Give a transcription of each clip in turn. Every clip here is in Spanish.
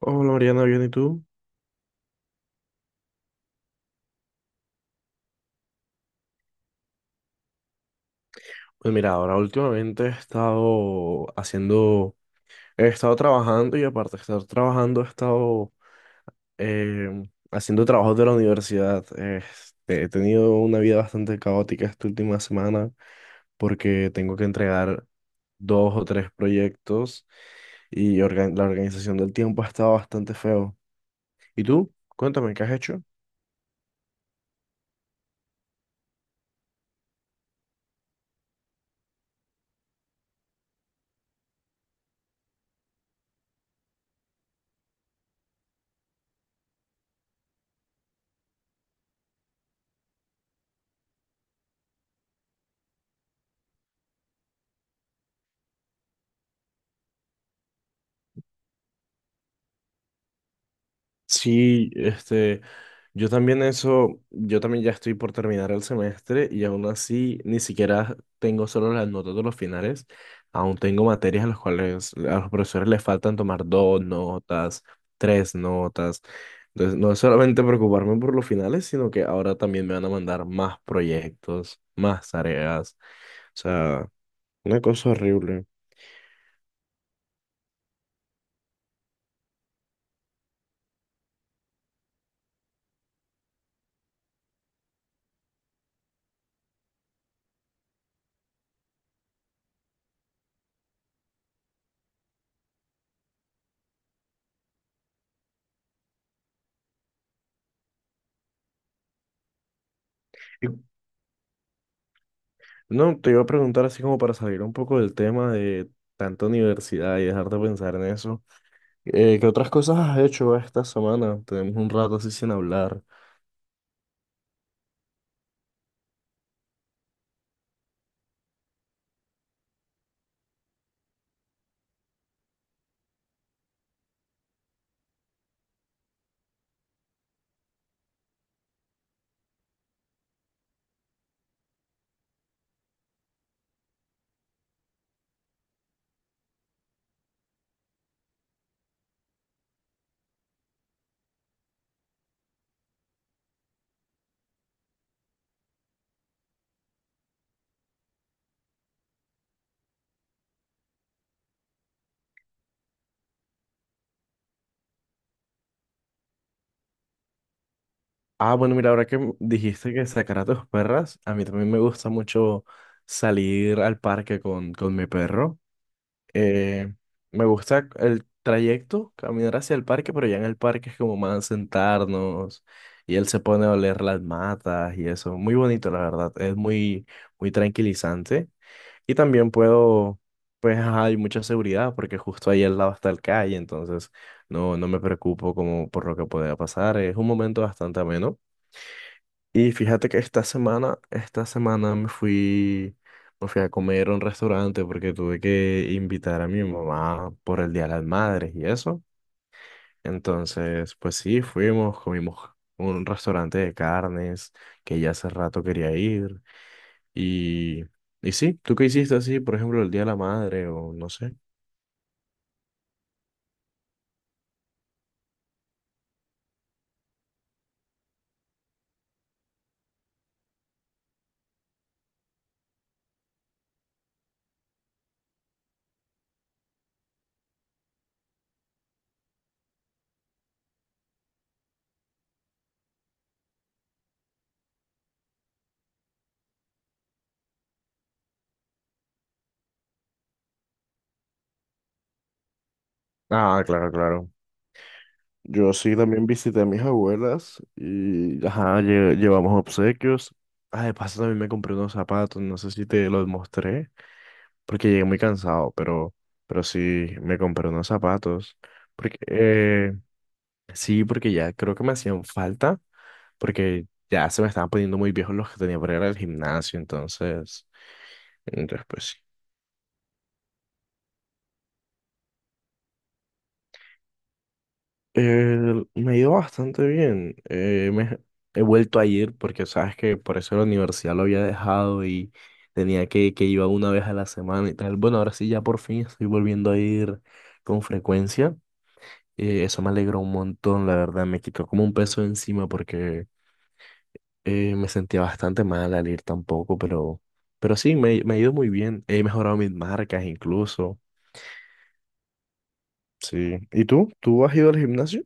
Hola Mariana, ¿bien y tú? Pues mira, ahora últimamente he estado trabajando y aparte de estar trabajando he estado eh, haciendo trabajos de la universidad. Este, he tenido una vida bastante caótica esta última semana porque tengo que entregar dos o tres proyectos y la organización del tiempo ha estado bastante feo. ¿Y tú? Cuéntame, ¿qué has hecho? Sí, este, yo también eso, yo también ya estoy por terminar el semestre y aún así ni siquiera tengo solo las notas de los finales, aún tengo materias a las cuales a los profesores les faltan tomar dos notas, tres notas. Entonces, no es solamente preocuparme por los finales, sino que ahora también me van a mandar más proyectos, más tareas. O sea, una cosa horrible. Y, No, te iba a preguntar así como para salir un poco del tema de tanta universidad y dejar de pensar en eso. ¿Qué otras cosas has hecho esta semana? Tenemos un rato así sin hablar. Ah, bueno, mira, ahora que dijiste que sacar a tus perras, a mí también me gusta mucho salir al parque con mi perro. Eh, Me gusta el trayecto, caminar hacia el parque, pero ya en el parque es como más sentarnos y él se pone a oler las matas y eso. Muy bonito, la verdad. Es muy, muy tranquilizante. Y también puedo, pues ajá, hay mucha seguridad porque justo ahí al lado está el calle, entonces no, no me preocupo como por lo que pueda pasar. Es un momento bastante ameno. Y fíjate que esta semana me fui a comer a un restaurante porque tuve que invitar a mi mamá por el Día de las Madres y eso. Entonces, pues sí, fuimos, comimos a un restaurante de carnes que ya hace rato quería ir. Y, y sí, ¿tú qué hiciste así, por ejemplo, el Día de la Madre o no sé? Ah, claro, claro. Yo sí también visité a mis abuelas y ajá, llevamos obsequios. Ah, de paso también me compré unos zapatos, no sé si te los mostré, porque llegué muy cansado, pero sí me compré unos zapatos. Porque, eh, sí, porque ya creo que me hacían falta, porque ya se me estaban poniendo muy viejos los que tenía para ir al gimnasio, entonces pues Eh, me ha ido bastante bien. He vuelto a ir porque sabes que por eso la universidad lo había dejado y tenía que iba una vez a la semana y tal. Bueno, ahora sí ya por fin estoy volviendo a ir con frecuencia. Eso me alegró un montón, la verdad. Me quitó como un peso de encima porque me sentía bastante mal al ir tampoco, pero sí, me ha ido muy bien. He mejorado mis marcas incluso. Sí. ¿Y tú? ¿Tú has ido al gimnasio?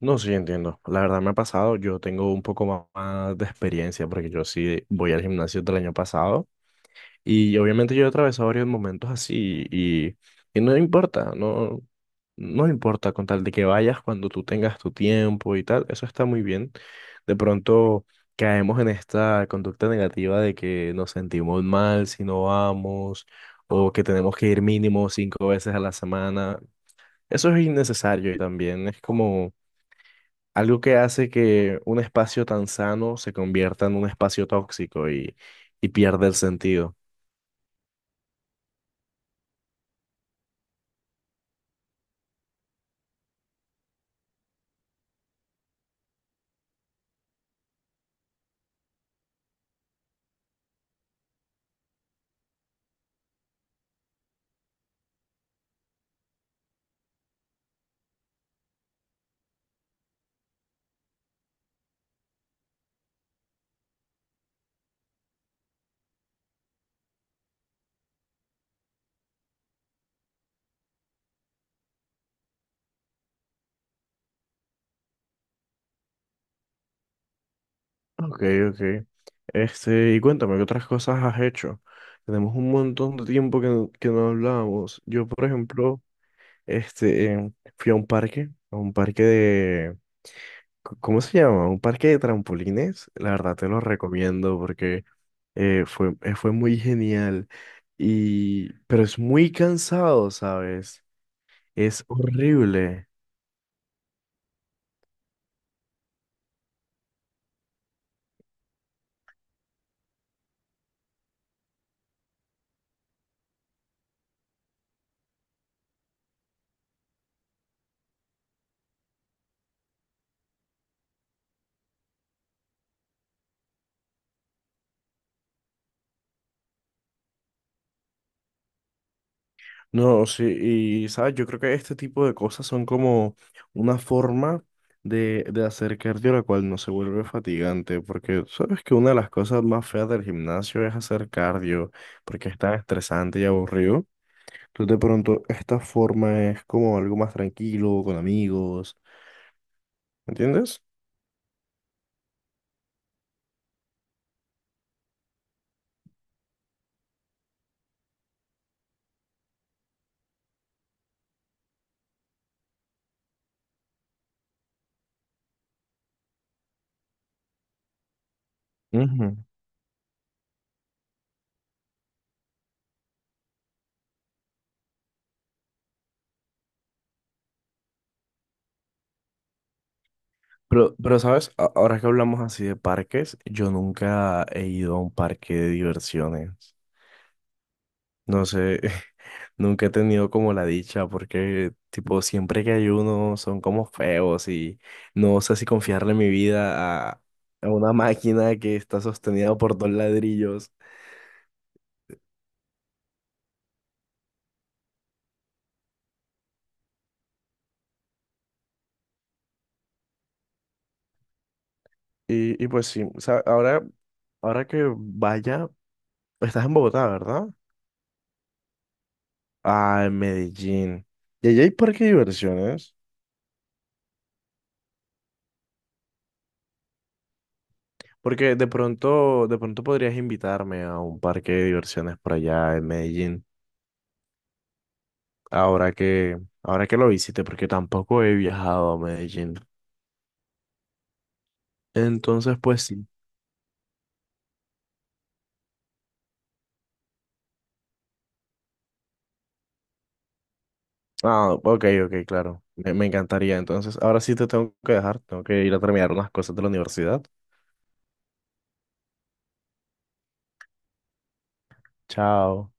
No, sí, entiendo. La verdad me ha pasado, yo tengo un poco más de experiencia porque yo sí voy al gimnasio del año pasado y obviamente yo he atravesado varios momentos así y no importa, no importa con tal de que vayas cuando tú tengas tu tiempo y tal, eso está muy bien. De pronto caemos en esta conducta negativa de que nos sentimos mal si no vamos o que tenemos que ir mínimo cinco veces a la semana. Eso es innecesario y también es como... algo que hace que un espacio tan sano se convierta en un espacio tóxico y pierde el sentido. Ok, ok. Este, y cuéntame, ¿qué otras cosas has hecho? Tenemos un montón de tiempo que no hablábamos. Yo, por ejemplo, este, fui a un parque, de, ¿cómo se llama? Un parque de trampolines. La verdad te lo recomiendo porque fue muy genial. Pero es muy cansado, ¿sabes? Es horrible. No, sí, y sabes, yo creo que este tipo de cosas son como una forma de hacer cardio la cual no se vuelve fatigante, porque sabes que una de las cosas más feas del gimnasio es hacer cardio, porque es tan estresante y aburrido. Entonces, de pronto, esta forma es como algo más tranquilo, con amigos, ¿me ¿entiendes? Ujú. Pero, ¿sabes? Ahora que hablamos así de parques, yo nunca he ido a un parque de diversiones. No sé, nunca he tenido como la dicha porque, tipo, siempre que ayuno son como feos y no sé si confiarle mi vida a, una máquina que está sostenida por dos ladrillos. Y pues sí, o sea, ahora que vaya, estás en Bogotá, ¿verdad? Ah, en Medellín. ¿Y allá hay parque de diversiones? Porque de pronto podrías invitarme a un parque de diversiones por allá en Medellín. Ahora que lo visite, porque tampoco he viajado a Medellín. Entonces, pues sí. Ah, ok, ok, claro. Me encantaría. Entonces, ahora sí te tengo que dejar. Tengo que ir a terminar unas cosas de la universidad. Chao.